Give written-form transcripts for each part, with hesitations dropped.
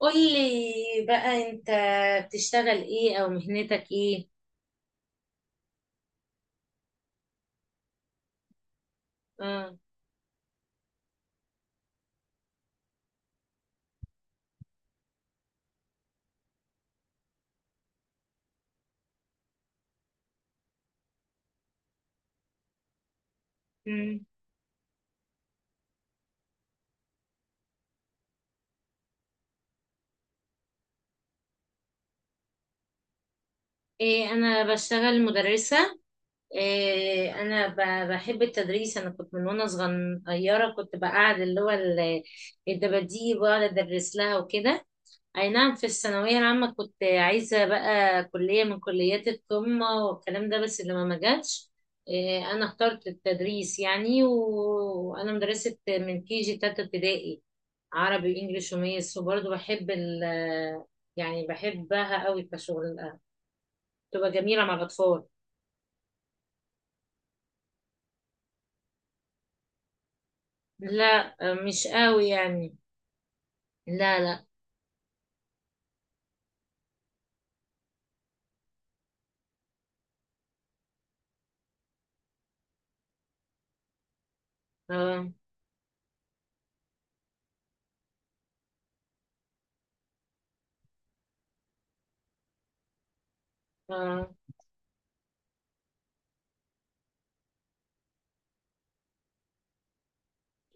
قولي بقى انت بتشتغل ايه او مهنتك ايه؟ اه. مم. إيه انا بشتغل مدرسة. إيه انا بحب التدريس. انا كنت من وانا صغيرة كنت بقعد اللي هو الدباديب واقعد ادرس لها وكده. اي نعم، في الثانوية العامة كنت عايزة بقى كلية من كليات القمة والكلام ده، بس اللي ما جاتش. إيه انا اخترت التدريس يعني، وانا مدرسة من كي جي تالتة ابتدائي، عربي وانجليش وميس، وبرضه بحب ال، يعني بحبها قوي كشغل، تبقى جميلة مع الأطفال. لا مش قوي يعني. لا لا. اه. اه.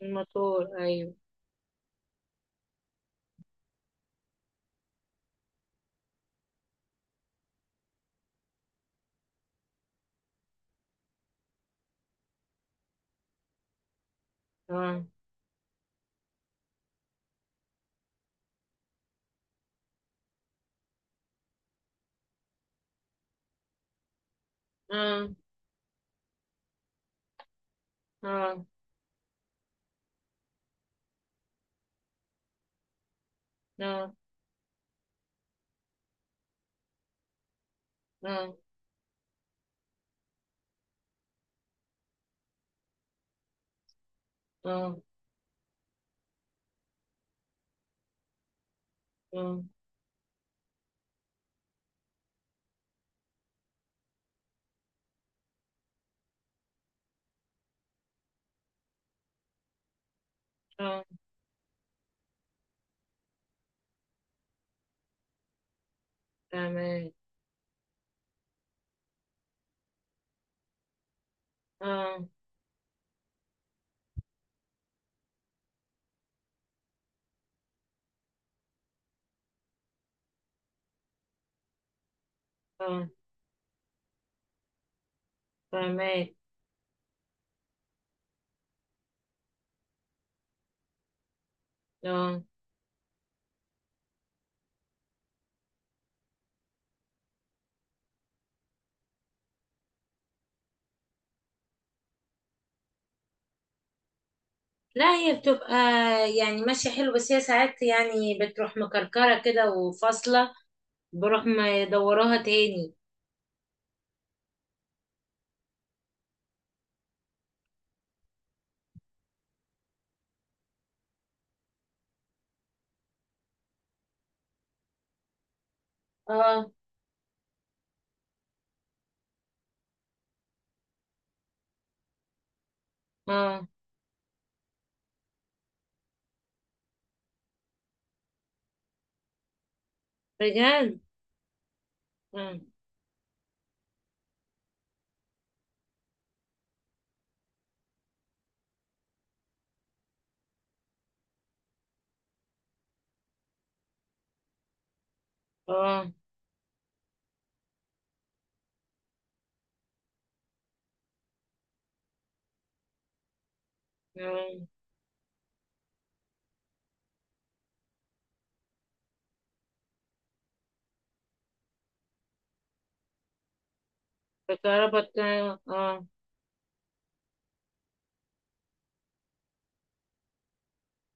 الموتور أيوه. اه. اه. اه. اه. اه. اه. اه. اه. فاهمك. اه. اه. فاهمك. اه. لا، هي بتبقى يعني ماشية حلو، بس هي ساعات يعني بتروح مكركرة كده وفاصلة، بروح مدوراها تاني. اه. اه. بجد. اه. اه. آه. اه.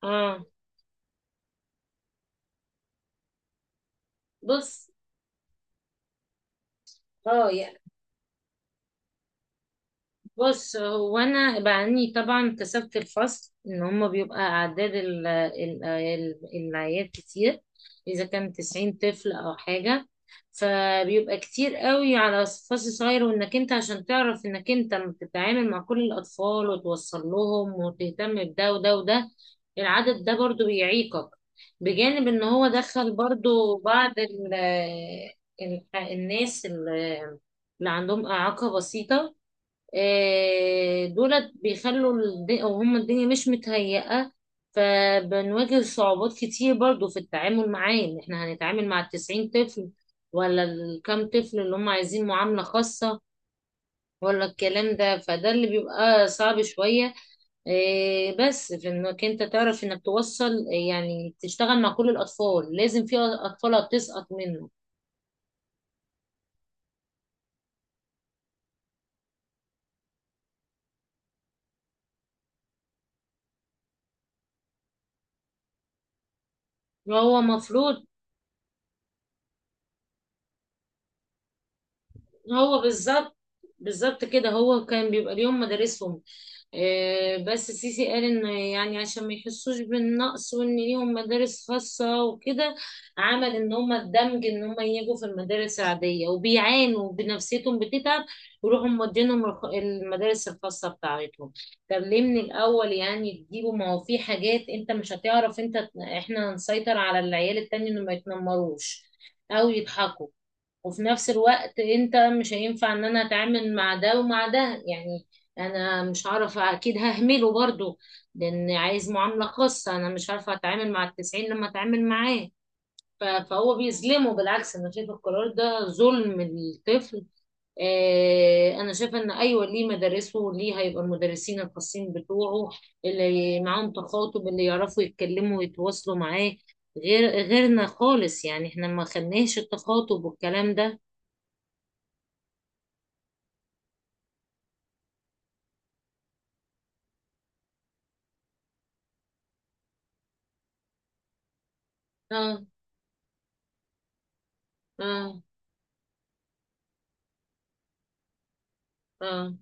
اه. بص، اه يعني. بص، هو انا بعني طبعا كسبت الفصل ان هم بيبقى اعداد العيال كتير، اذا كان 90 طفل او حاجه، فبيبقى كتير قوي على فصل صغير. وانك انت عشان تعرف انك انت بتتعامل مع كل الاطفال وتوصل لهم وتهتم بده وده وده، العدد ده برضو بيعيقك. بجانب ان هو دخل برضو بعض ال- الناس اللي عندهم اعاقه بسيطه، دولت بيخلوا او هم الدنيا مش متهيئة، فبنواجه صعوبات كتير برضو في التعامل معاه. ان احنا هنتعامل مع التسعين طفل ولا الكام طفل اللي هم عايزين معاملة خاصة ولا الكلام ده، فده اللي بيبقى صعب شوية. إيه، بس في انك انت تعرف انك توصل، يعني تشتغل مع كل الاطفال، لازم في اطفال هتسقط منه. هو مفروض. هو بالظبط، بالظبط كده، هو كان بيبقى ليهم مدارسهم. آه، بس سيسي قال ان يعني عشان ما يحسوش بالنقص وان ليهم مدارس خاصة وكده، عمل ان هم الدمج ان هم يجوا في المدارس العادية، وبيعانوا بنفسيتهم بتتعب، يروحوا مودينهم المدارس الخاصة بتاعتهم. طب ليه من الاول يعني تجيبوا؟ ما هو في حاجات انت مش هتعرف انت، احنا هنسيطر على العيال التاني انه ما يتنمروش او يضحكوا. وفي نفس الوقت انت مش هينفع ان انا اتعامل مع ده ومع ده يعني، انا مش هعرف، اكيد ههمله برضو لان عايز معاملة خاصة، انا مش عارفة اتعامل مع التسعين لما اتعامل معاه. فهو بيظلمه، بالعكس، انا شايفة القرار ده ظلم للطفل. آه، انا شايفه ان ايوه ليه مدارسه وليه هيبقى المدرسين الخاصين بتوعه اللي معاهم تخاطب، اللي يعرفوا يتكلموا ويتواصلوا معاه. غير غيرنا خالص يعني، احنا ما خدناش التخاطب والكلام ده. اه. اه. اه.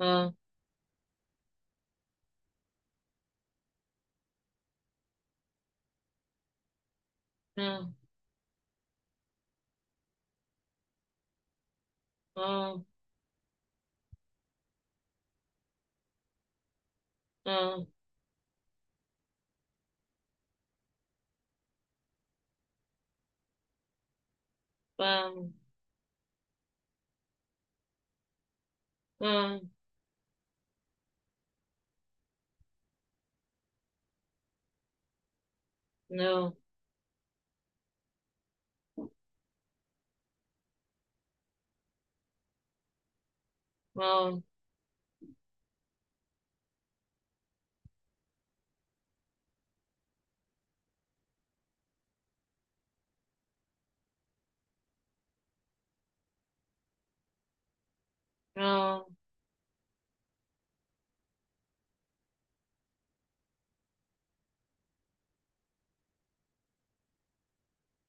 اه. اه. اه. اه. فاهم. اه. نو. اه. اه.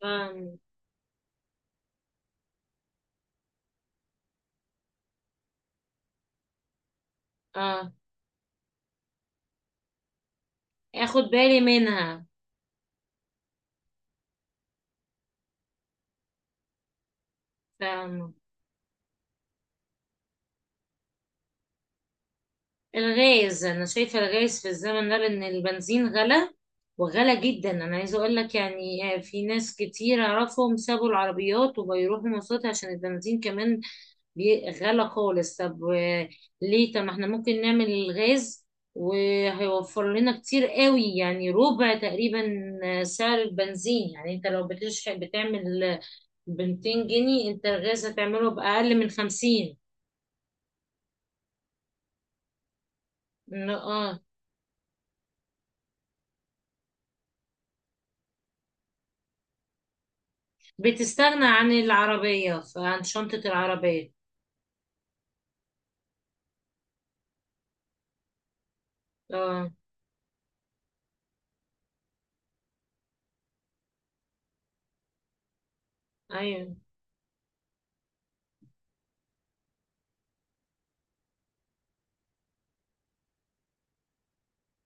فاهم. اه اخد بالي منها. فاهم. الغاز، انا شايفه الغاز في الزمن ده، لان البنزين غلى وغلى جدا. انا عايزه اقول لك يعني آه، في ناس كتير اعرفهم سابوا العربيات وبيروحوا مواصلات عشان البنزين كمان غلا خالص. طب آه، ليه طب ما احنا ممكن نعمل الغاز، وهيوفر لنا كتير قوي، يعني ربع تقريبا آه، سعر البنزين. يعني انت لو بتشحن بتعمل آه، ب 200 جنيه، انت الغاز هتعمله بأقل من 50. اه بتستغنى عن العربية عن شنطة العربية. اه. ايوه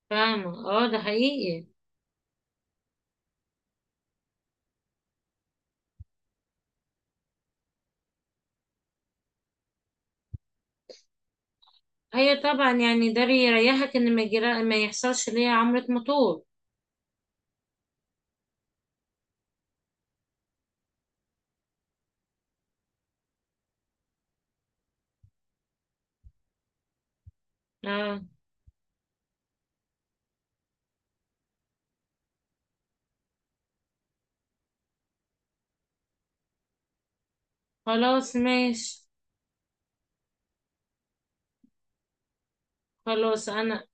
فاهمة. اه ده حقيقي. ايوه طبعا، يعني ده بيريحك ان ما يحصلش ليا عمرة موتور. اه. خلاص ماشي. خلاص انا.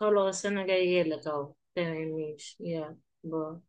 خلاص انا جايه لك اهو، تمام، ماشي، يلا. باي.